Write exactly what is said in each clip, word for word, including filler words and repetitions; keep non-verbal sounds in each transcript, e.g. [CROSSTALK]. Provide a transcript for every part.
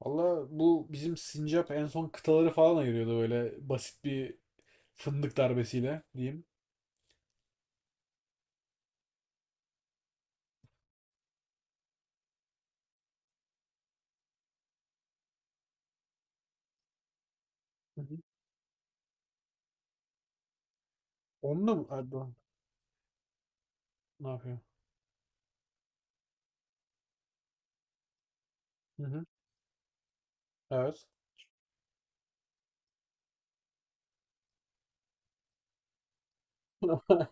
Valla bu bizim sincap en son kıtaları falan ayırıyordu böyle basit bir fındık darbesiyle diyeyim. Hı hı. Onunla mı? Erdoğan ne yapıyor? Hı hı. Evet. Hı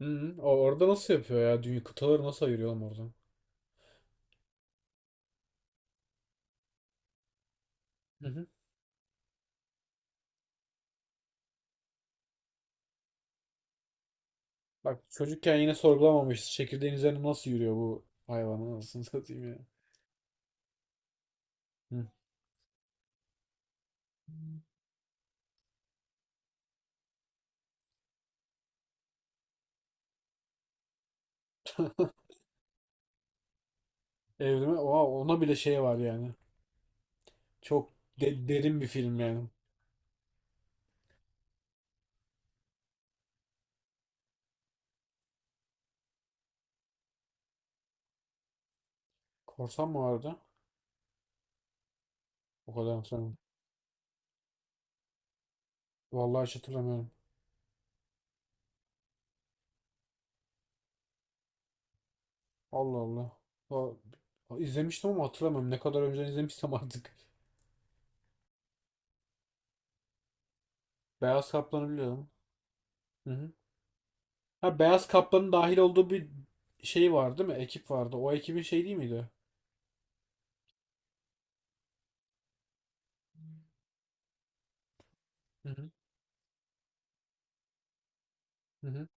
hı. O- Orada nasıl yapıyor ya? Dünya kıtaları nasıl ayırıyor oğlum oradan? Hı hı. Bak çocukken yine sorgulamamışız. Çekirdeğin üzerine nasıl yürüyor bu hayvan anasını satayım ya. Hı. [LAUGHS] Evrime oha, ona bile şey var yani. Çok de- derin bir film yani. Korsan mı vardı? O kadar hatırlamıyorum. Vallahi hiç hatırlamıyorum. Allah Allah. O, izlemiştim ama hatırlamıyorum. Ne kadar önceden izlemişsem artık. [LAUGHS] Beyaz Kaplan'ı biliyorum. Hı hı. Ha, Beyaz Kaplan'ın dahil olduğu bir şey var değil mi? Ekip vardı. O ekibin şey değil miydi? Hı hı. Hı hı.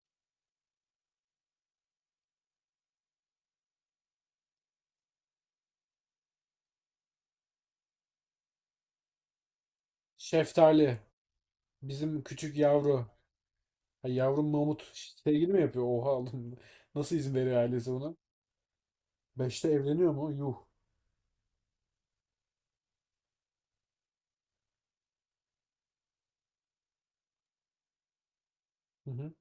Şeftali. Bizim küçük yavru. Ha, yavrum Mahmut sevgili mi yapıyor? Oha oğlum. Nasıl izin veriyor ailesi buna? Beşte evleniyor mu? Yuh. Hı hı.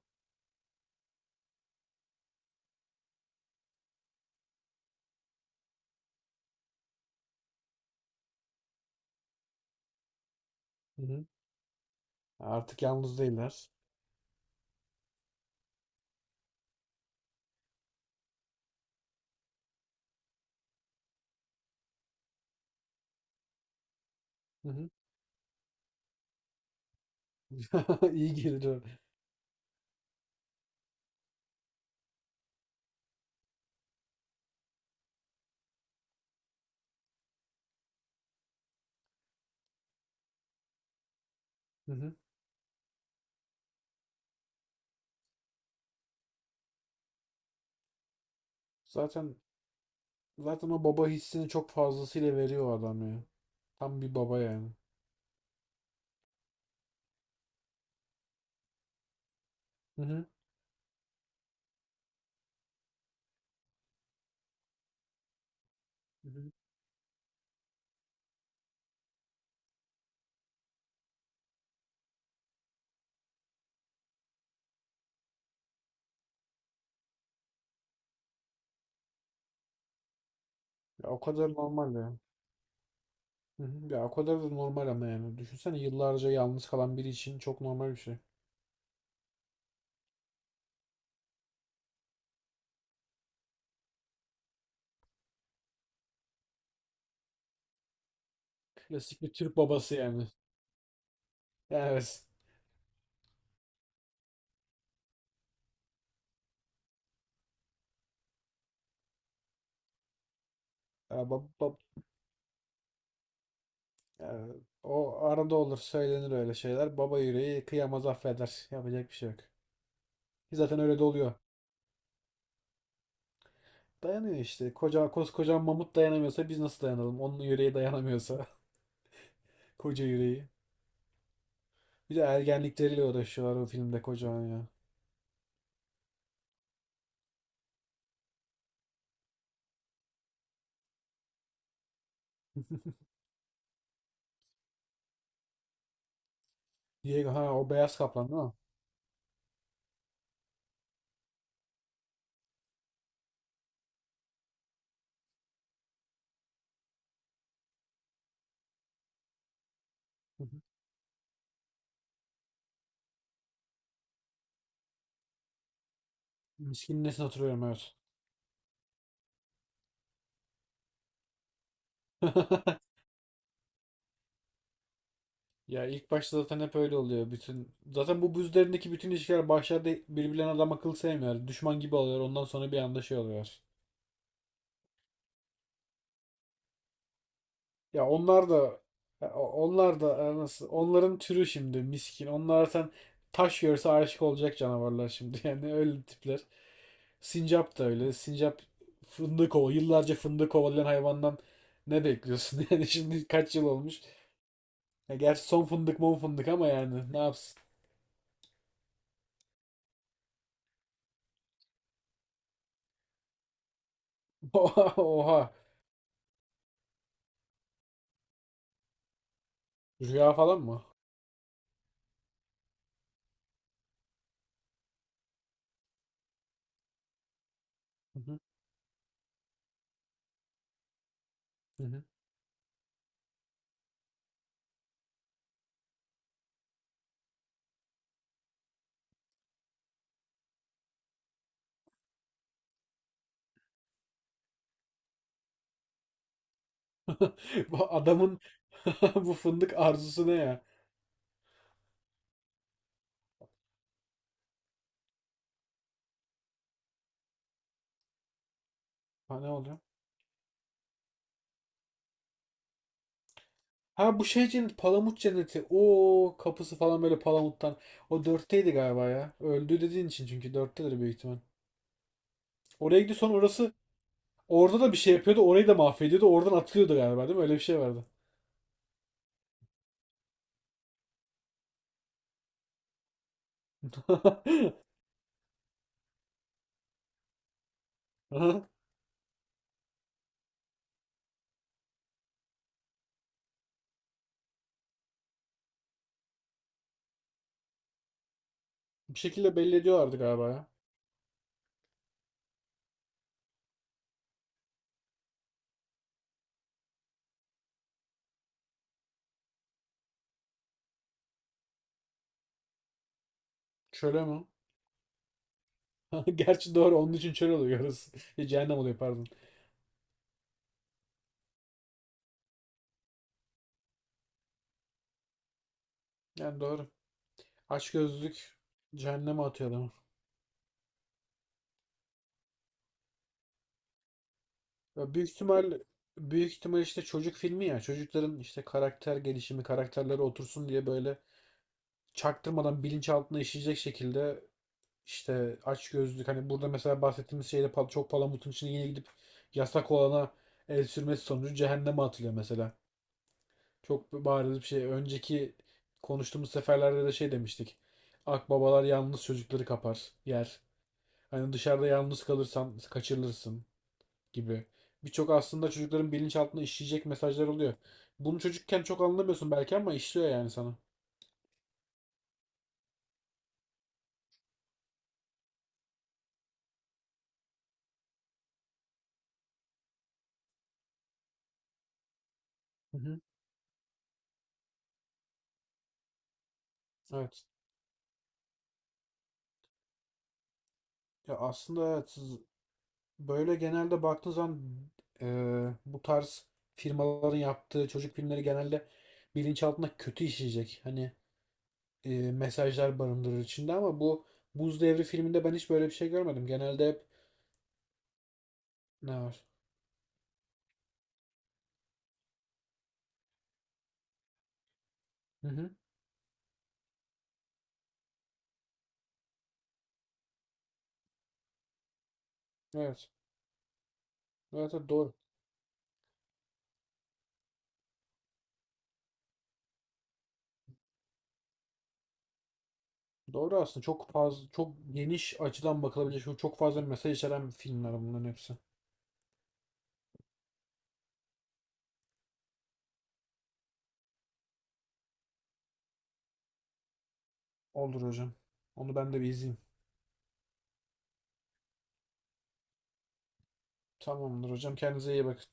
Hı hı. Artık yalnız değiller. Hı hı. [LAUGHS] İyi gelir o. Hı hı. Zaten zaten o baba hissini çok fazlasıyla veriyor adam ya. Tam bir baba yani. Hı hı. Hı hı. Ya, o kadar normal ya. Hı hı. Ya o kadar da normal ama yani. Düşünsene yıllarca yalnız kalan biri için çok normal bir şey. Klasik bir Türk babası yani. Evet. Ya, bab, bab- ya, o arada olur söylenir öyle şeyler. Baba yüreği kıyamaz affeder. Yapacak bir şey yok. Ki zaten öyle de oluyor. Dayanıyor işte. Koca, koskoca mamut dayanamıyorsa biz nasıl dayanalım? Onun yüreği dayanamıyorsa. [LAUGHS] Koca yüreği. Bir de ergenlikleriyle uğraşıyorlar o filmde kocaman ya. [LAUGHS] Diego, ha, o beyaz kaplan değil mi? Hı hı. Miskinin nesine oturuyorum, evet. [LAUGHS] Ya ilk başta zaten hep öyle oluyor. Bütün zaten bu buz üzerindeki bütün ilişkiler başlarda birbirlerine adam akıl sevmiyor. Düşman gibi oluyor. Ondan sonra bir anda şey oluyor. Ya onlar da ya onlar da e, nasıl onların türü şimdi miskin. Onlar zaten taş görse aşık olacak canavarlar şimdi. [LAUGHS] Yani öyle tipler. Sincap da öyle. Sincap fındık kova. Yıllarca fındık kovalayan hayvandan ne bekliyorsun? [LAUGHS] Yani şimdi kaç yıl olmuş? Ya gerçi son fındık mon fındık ama yani ne yapsın? [LAUGHS] Oha. Rüya falan mı? [LAUGHS] Hı hı. [LAUGHS] Bu adamın [LAUGHS] bu fındık arzusu ne ya? Ha, ne oluyor? Ha, bu şey cennet, palamut cenneti. O kapısı falan böyle palamuttan. O dörtteydi galiba ya. Öldü dediğin için çünkü dörttedir büyük ihtimal. Oraya gidiyor sonra orası orada da bir şey yapıyordu. Orayı da mahvediyordu. Oradan atılıyordu galiba değil mi? Öyle bir şey vardı. [LAUGHS] Aha. Bir şekilde belli ediyorlardı galiba ya. Çöle mi? [LAUGHS] Gerçi doğru, onun için çöl oluyor orası. [LAUGHS] Cehennem oluyor pardon. Yani doğru. Açgözlülük cehenneme atıyor. Ya büyük ihtimal büyük ihtimal işte çocuk filmi ya. Çocukların işte karakter gelişimi, karakterleri otursun diye böyle çaktırmadan bilinçaltına işleyecek şekilde işte açgözlülük, hani burada mesela bahsettiğimiz şeyde pal- çok palamutun içine yine gidip yasak olana el sürmesi sonucu cehenneme atılıyor mesela. Çok bariz bir şey. Önceki konuştuğumuz seferlerde de şey demiştik. Akbabalar yalnız çocukları kapar, yer. Hani dışarıda yalnız kalırsan kaçırılırsın gibi. Birçok aslında çocukların bilinçaltına işleyecek mesajlar oluyor. Bunu çocukken çok anlamıyorsun belki ama işliyor yani sana. Hı hı. Evet. Ya aslında evet, siz- böyle genelde baktığın zaman e, bu tarz firmaların yaptığı çocuk filmleri genelde bilinçaltına kötü işleyecek. Hani e, mesajlar barındırır içinde ama bu Buz Devri filminde ben hiç böyle bir şey görmedim. Genelde hep ne var? Hı hı. Evet. Evet, evet doğru. Doğru, aslında çok fazla, çok geniş açıdan bakılabilecek çok fazla mesaj içeren filmler bunların hepsi. Olur hocam. Onu ben de bir izleyeyim. Tamamdır hocam. Kendinize iyi bakın.